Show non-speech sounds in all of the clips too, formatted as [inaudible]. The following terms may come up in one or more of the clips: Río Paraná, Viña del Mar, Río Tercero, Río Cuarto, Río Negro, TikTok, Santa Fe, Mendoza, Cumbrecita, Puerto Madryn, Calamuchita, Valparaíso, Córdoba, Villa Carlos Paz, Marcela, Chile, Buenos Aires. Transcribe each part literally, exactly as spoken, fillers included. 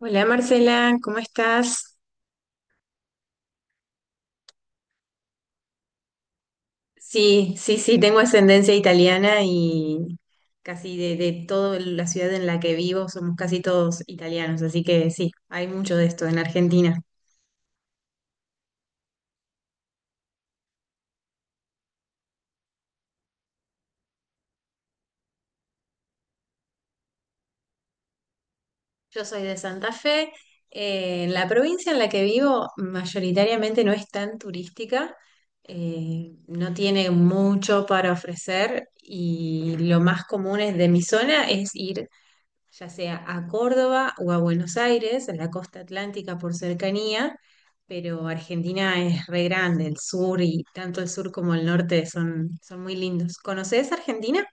Hola Marcela, ¿cómo estás? Sí, sí, sí, tengo ascendencia italiana y casi de, de toda la ciudad en la que vivo somos casi todos italianos, así que sí, hay mucho de esto en Argentina. Yo soy de Santa Fe. Eh, en la provincia en la que vivo mayoritariamente no es tan turística. Eh, no tiene mucho para ofrecer y lo más común es de mi zona es ir ya sea a Córdoba o a Buenos Aires, en la costa atlántica por cercanía, pero Argentina es re grande, el sur y tanto el sur como el norte son, son muy lindos. ¿Conoces Argentina?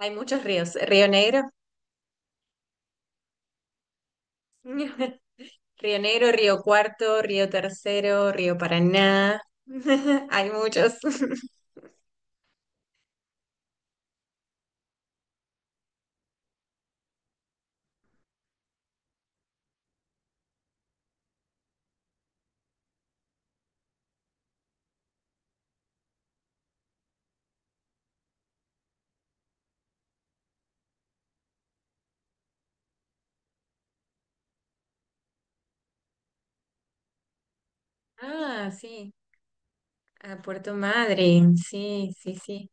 Hay muchos ríos, Río Negro. [laughs] Río Negro, Río Cuarto, Río Tercero, Río Paraná, [laughs] hay muchos. [laughs] Ah, sí, a Puerto Madryn, sí, sí, sí.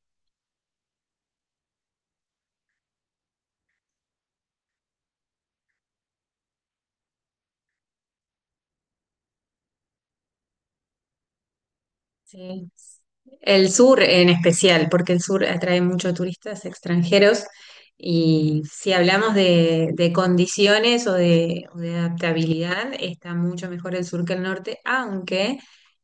Sí. El sur en especial, porque el sur atrae muchos turistas extranjeros y si hablamos de, de condiciones o de, o de adaptabilidad, está mucho mejor el sur que el norte, aunque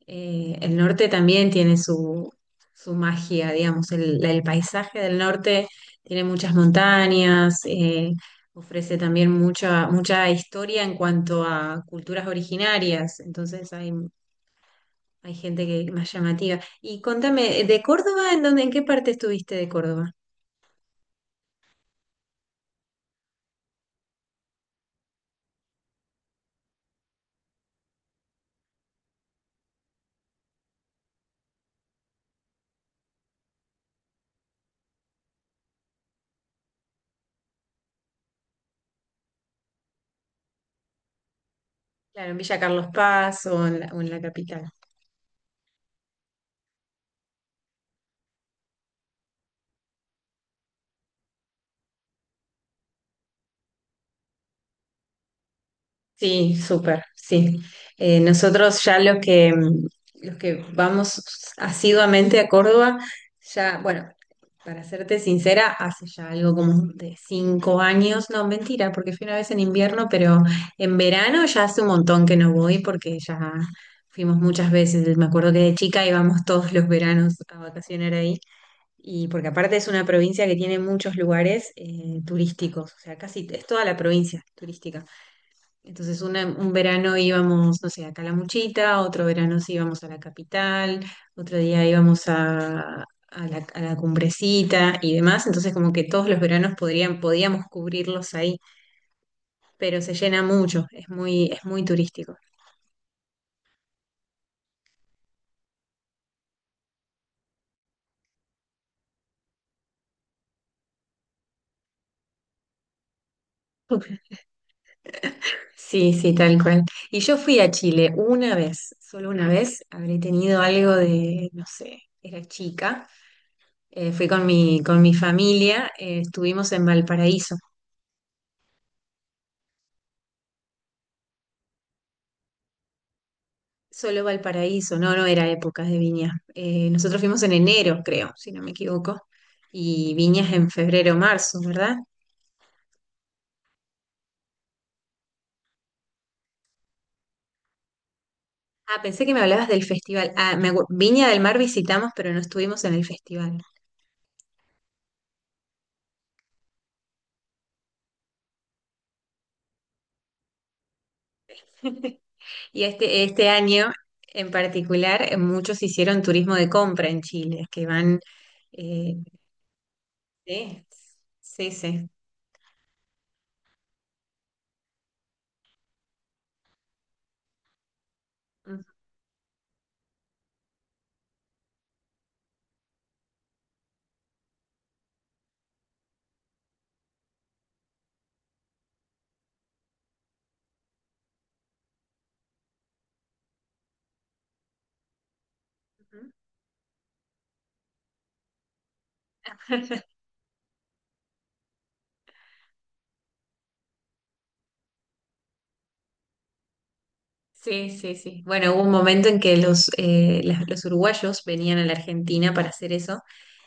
eh, el norte también tiene su, su magia, digamos, el, el paisaje del norte tiene muchas montañas. Eh, ofrece también mucha, mucha historia en cuanto a culturas originarias, entonces hay hay gente que es más llamativa. Y contame, eh, ¿de Córdoba en dónde, en qué parte estuviste de Córdoba? Claro, en Villa Carlos Paz o en la, o en la capital. Sí, súper, sí. Eh, nosotros ya los que, mm, los que vamos asiduamente a Córdoba, ya, bueno, para serte sincera, hace ya algo como de cinco años, no, mentira, porque fui una vez en invierno, pero en verano ya hace un montón que no voy porque ya fuimos muchas veces. Me acuerdo que de chica íbamos todos los veranos a vacacionar ahí. Y porque aparte es una provincia que tiene muchos lugares eh, turísticos, o sea, casi es toda la provincia turística. Entonces una- un verano íbamos, no sé, a Calamuchita, otro verano sí íbamos a la capital, otro día íbamos a, a la, a la cumbrecita y demás. Entonces como que todos los veranos podrían, podíamos cubrirlos ahí, pero se llena mucho, es muy, es muy turístico. Ok. Sí, sí, tal cual. Y yo fui a Chile una vez, solo una vez, habré tenido algo de, no sé, era chica. Eh, fui con mi, con mi familia. Eh, estuvimos en Valparaíso. Solo Valparaíso, no, no era época de viñas. Eh, nosotros fuimos en enero, creo, si no me equivoco, y viñas en febrero, marzo, ¿verdad? Ah, pensé que me hablabas del festival. Ah, me acu- Viña del Mar visitamos, pero no estuvimos en el festival. [laughs] Y este, este año en particular, eh, muchos hicieron turismo de compra en Chile, que van… eh, sí, sí, sí. Ujú. [laughs] Sí, sí, sí. Bueno, hubo un momento en que los, eh, las- los uruguayos venían a la Argentina para hacer eso,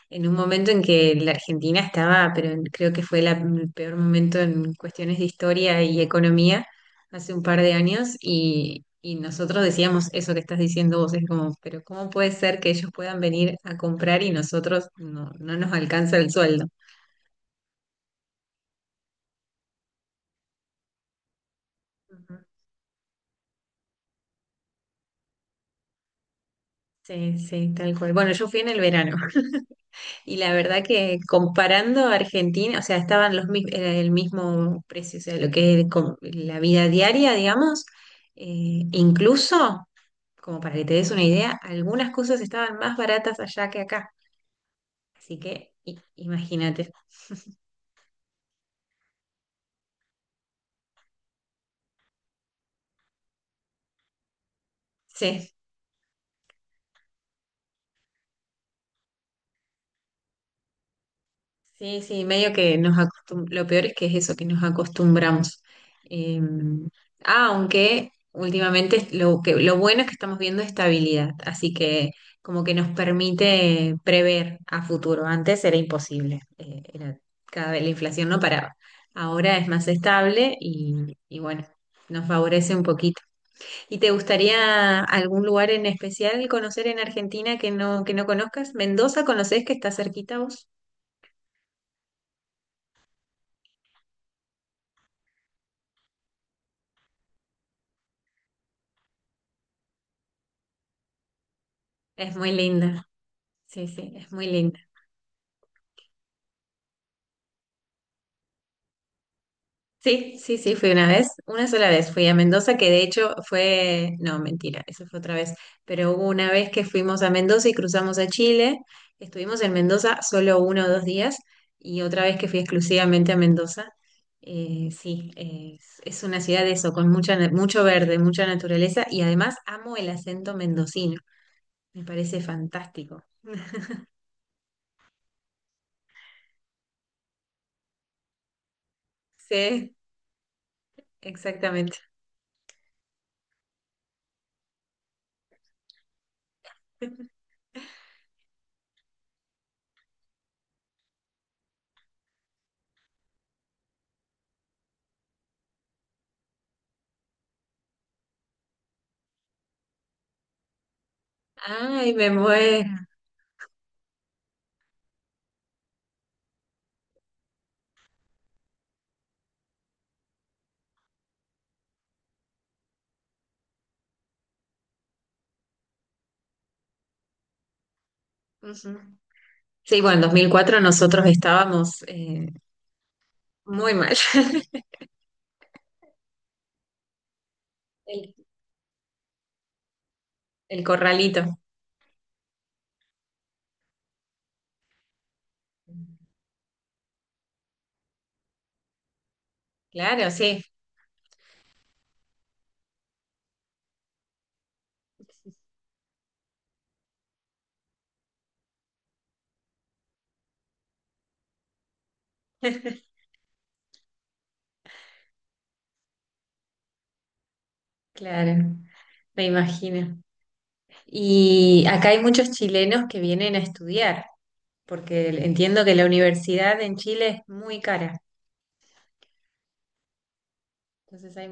en un momento en que la Argentina estaba, pero en- creo que fue la- el peor momento en cuestiones de historia y economía hace un par de años y, y nosotros decíamos eso que estás diciendo vos, es como, pero ¿cómo puede ser que ellos puedan venir a comprar y nosotros no, no nos alcanza el sueldo? Ujú. Sí, sí, tal cual. Bueno, yo fui en el verano. Y la verdad que comparando a Argentina, o sea, estaban los, mi- era el mismo precio, o sea, lo que es com- la vida diaria, digamos, eh, incluso, como para que te des una idea, algunas cosas estaban más baratas allá que acá. Así que i- imagínate. Sí. Sí, sí, medio que nos acostumbramos, lo peor es que es eso, que nos acostumbramos. Eh, ah, Aunque últimamente lo que, lo bueno es que estamos viendo estabilidad, así que como que nos permite prever a futuro. Antes era imposible. Eh, era cada vez la inflación no paraba. Ahora es más estable y, y bueno, nos favorece un poquito. ¿Y te gustaría algún lugar en especial conocer en Argentina que no, que no conozcas? ¿Mendoza conoces que está cerquita vos? Es muy linda. Sí, sí, es muy linda. Sí, sí, sí, fui una vez, una sola vez fui a Mendoza, que de hecho fue, no, mentira, eso fue otra vez, pero hubo una vez que fuimos a Mendoza y cruzamos a Chile, estuvimos en Mendoza solo uno o dos días y otra vez que fui exclusivamente a Mendoza. Eh, sí, es, es una ciudad de eso, con mucha, na- mucho verde, mucha naturaleza y además amo el acento mendocino, me parece fantástico. Sí, exactamente. [laughs] Ay, me muero. Ujú. Sí, bueno, en dos mil cuatro nosotros estábamos eh, muy mal. [laughs] El, el corralito. Claro, sí. [laughs] Claro, me imagino. Y acá hay muchos chilenos que vienen a estudiar, porque entiendo que la universidad en Chile es muy cara. Entonces hay…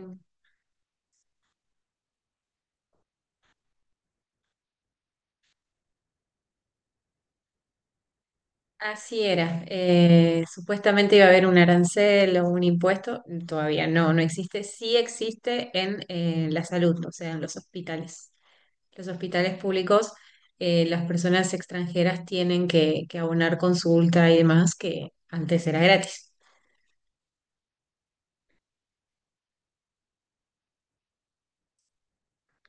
Así era. Eh, supuestamente iba a haber un arancel o un impuesto. Todavía no, no existe. Sí existe en eh, la salud, o sea, en los hospitales. Los hospitales públicos, eh, las personas extranjeras tienen que, que abonar consulta y demás, que antes era gratis.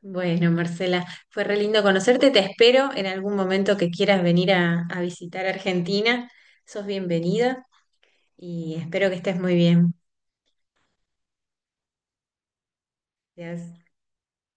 Bueno, Marcela, fue re lindo conocerte. Te espero en algún momento que quieras venir a, a visitar Argentina. Sos bienvenida y espero que estés muy bien. Gracias.